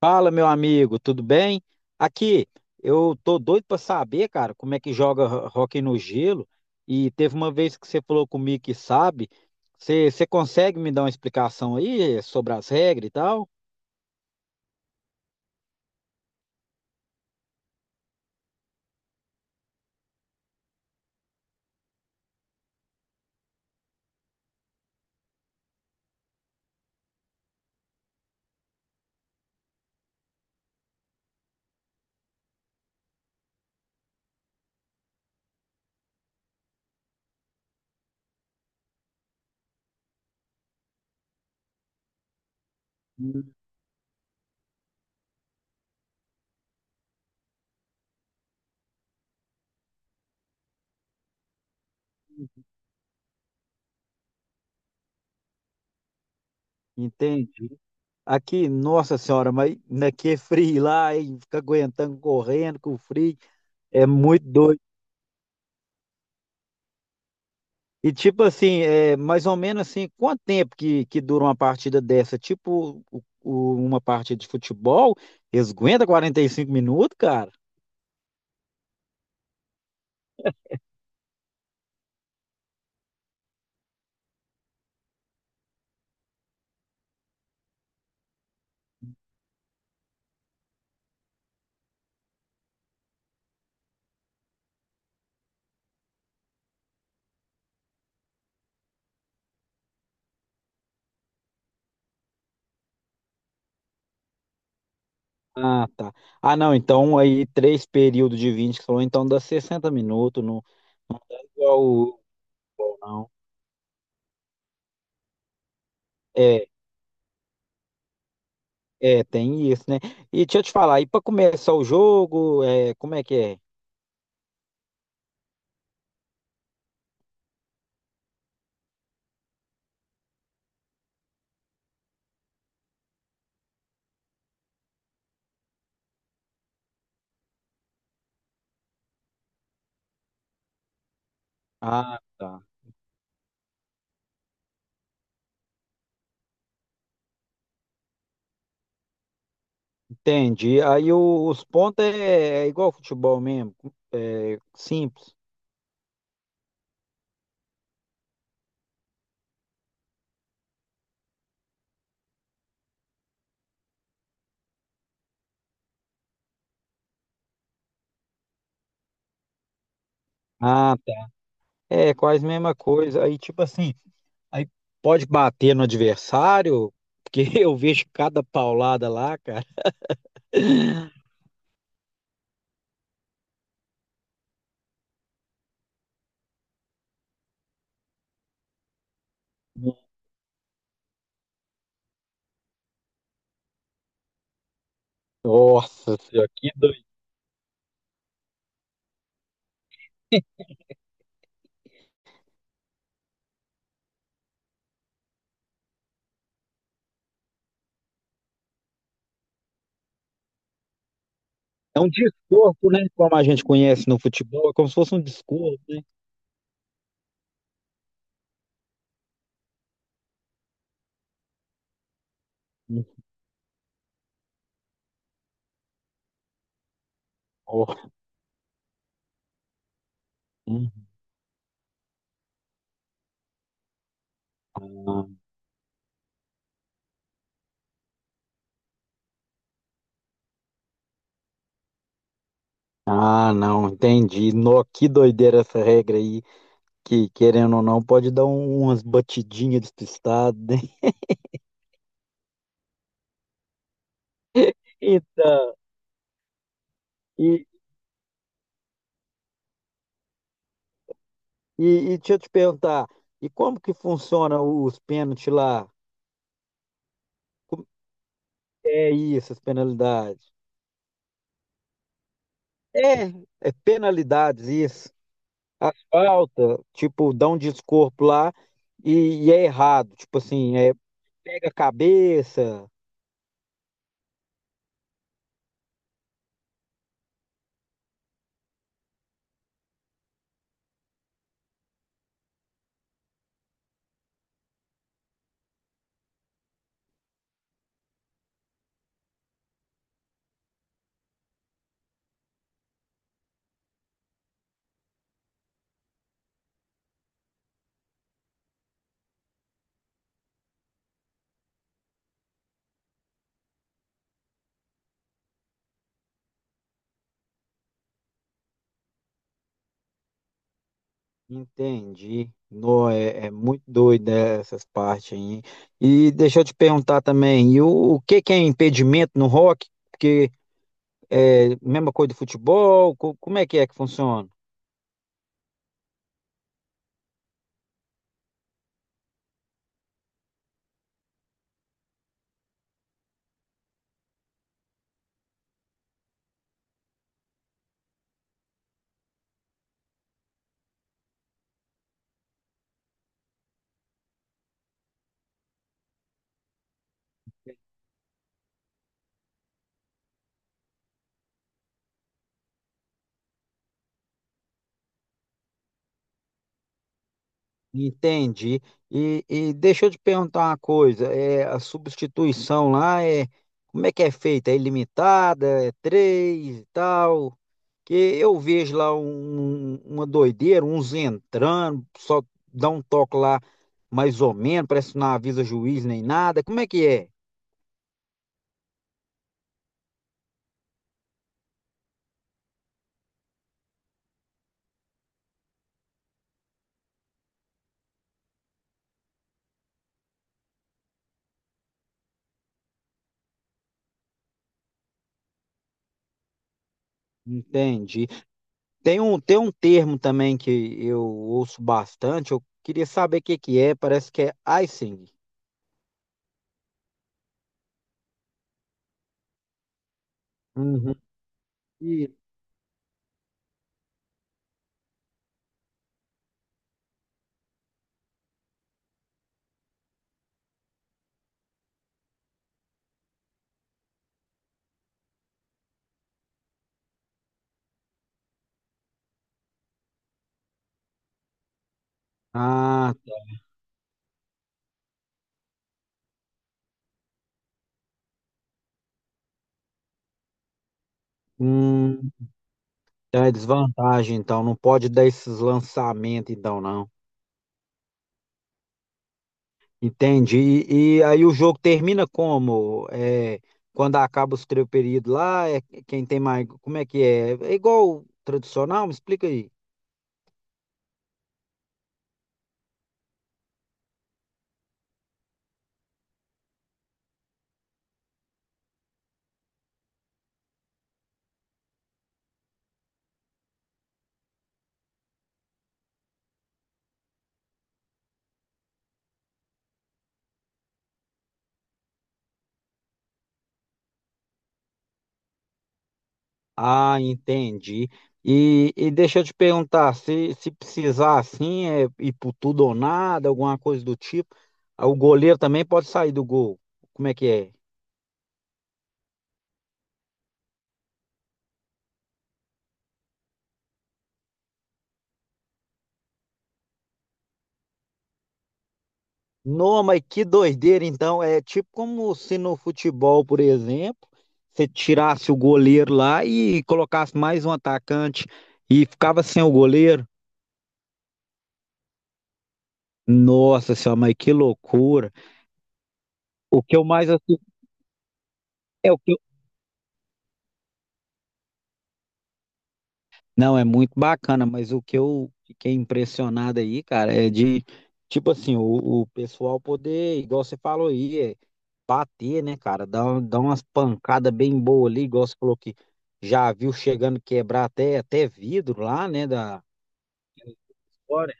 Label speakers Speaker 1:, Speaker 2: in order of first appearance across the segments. Speaker 1: Fala, meu amigo, tudo bem? Aqui, eu tô doido pra saber, cara, como é que joga hóquei no gelo. E teve uma vez que você falou comigo que sabe. Você consegue me dar uma explicação aí sobre as regras e tal? Hum. Entende? Aqui, nossa senhora, mas naquele frio lá, hein, fica aguentando correndo com o frio, é muito doido. E tipo assim, é, mais ou menos assim, quanto tempo que dura uma partida dessa? Tipo uma partida de futebol, eles aguentam 45 minutos, cara? Ah, tá. Ah, não, então aí três períodos de 20, que você falou, então dá 60 minutos, não igual não. É, tem isso, né? E deixa eu te falar, e pra começar o jogo, é, como é que é? Ah, tá. Entendi. Aí os pontos é igual ao futebol mesmo, é simples. Ah, é, quase mesma coisa. Aí, tipo assim, aí pode bater no adversário, porque eu vejo cada paulada lá, cara. Nossa senhora, que doido. É um descorpo, né? Como a gente conhece no futebol, é como se fosse um descorpo, né? Hum, ó, hum, ah, não, entendi. No, que doideira essa regra aí, que querendo ou não, pode dar umas batidinhas despistadas, né? Eita, e, e, e deixa eu te perguntar, e como que funciona os pênaltis lá? É isso, as penalidades. É, penalidades, isso. A falta, tipo, dá um descorpo lá e é errado. Tipo assim, é, pega a cabeça. Entendi. Não, é, é muito doido essas partes aí. E deixa eu te perguntar também, e o que que é impedimento no rock? Porque é mesma coisa do futebol, como é que funciona? Entendi. E deixa eu te perguntar uma coisa, é, a substituição lá é como é que é feita? É ilimitada? É três e tal? Que eu vejo lá uma doideira, uns entrando, só dá um toque lá mais ou menos, parece que não avisa juiz nem nada. Como é que é? Entendi. Tem um termo também que eu ouço bastante, eu queria saber o que que é, parece que é icing. Uhum. E- Ah, hum, então é desvantagem, então. Não pode dar esses lançamentos, então, não. Entendi. E aí o jogo termina como? É, quando acaba os três períodos lá, é quem tem mais. Como é que é? É igual o tradicional? Me explica aí. Ah, entendi. E deixa eu te perguntar, se precisar assim, é ir por tudo ou nada, alguma coisa do tipo, ah, o goleiro também pode sair do gol. Como é que é? Não, mas que doideira, então. É tipo como se no futebol, por exemplo, você tirasse o goleiro lá e colocasse mais um atacante e ficava sem o goleiro. Nossa senhora, mas que loucura. O que eu mais, o que, não, é muito bacana, mas o que eu fiquei impressionado aí, cara, é de, tipo assim, o pessoal poder, igual você falou aí, é bater, né, cara? Dar, dar umas pancadas bem boas ali, igual você falou que já viu chegando quebrar até vidro lá, né? Fora.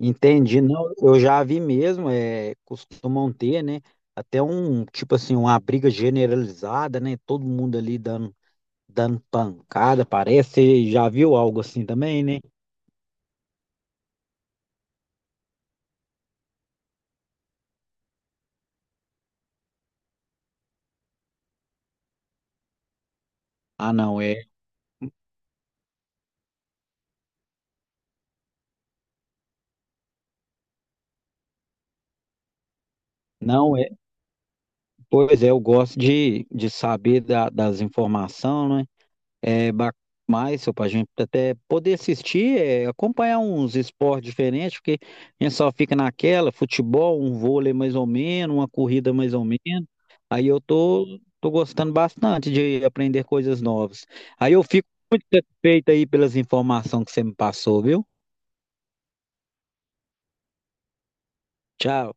Speaker 1: Entendi, não, eu já vi mesmo, é, costumam ter, né? Até um, tipo assim, uma briga generalizada, né? Todo mundo ali dando pancada, parece. Você já viu algo assim também, né? Ah, não, é. Não é. Pois é, eu gosto de saber das informações, né? É ba- mais, só para a gente até poder assistir, é, acompanhar uns esportes diferentes, porque a gente só fica naquela, futebol, um vôlei mais ou menos, uma corrida mais ou menos. Aí eu tô gostando bastante de aprender coisas novas. Aí eu fico feito aí pelas informações que você me passou, viu? Tchau.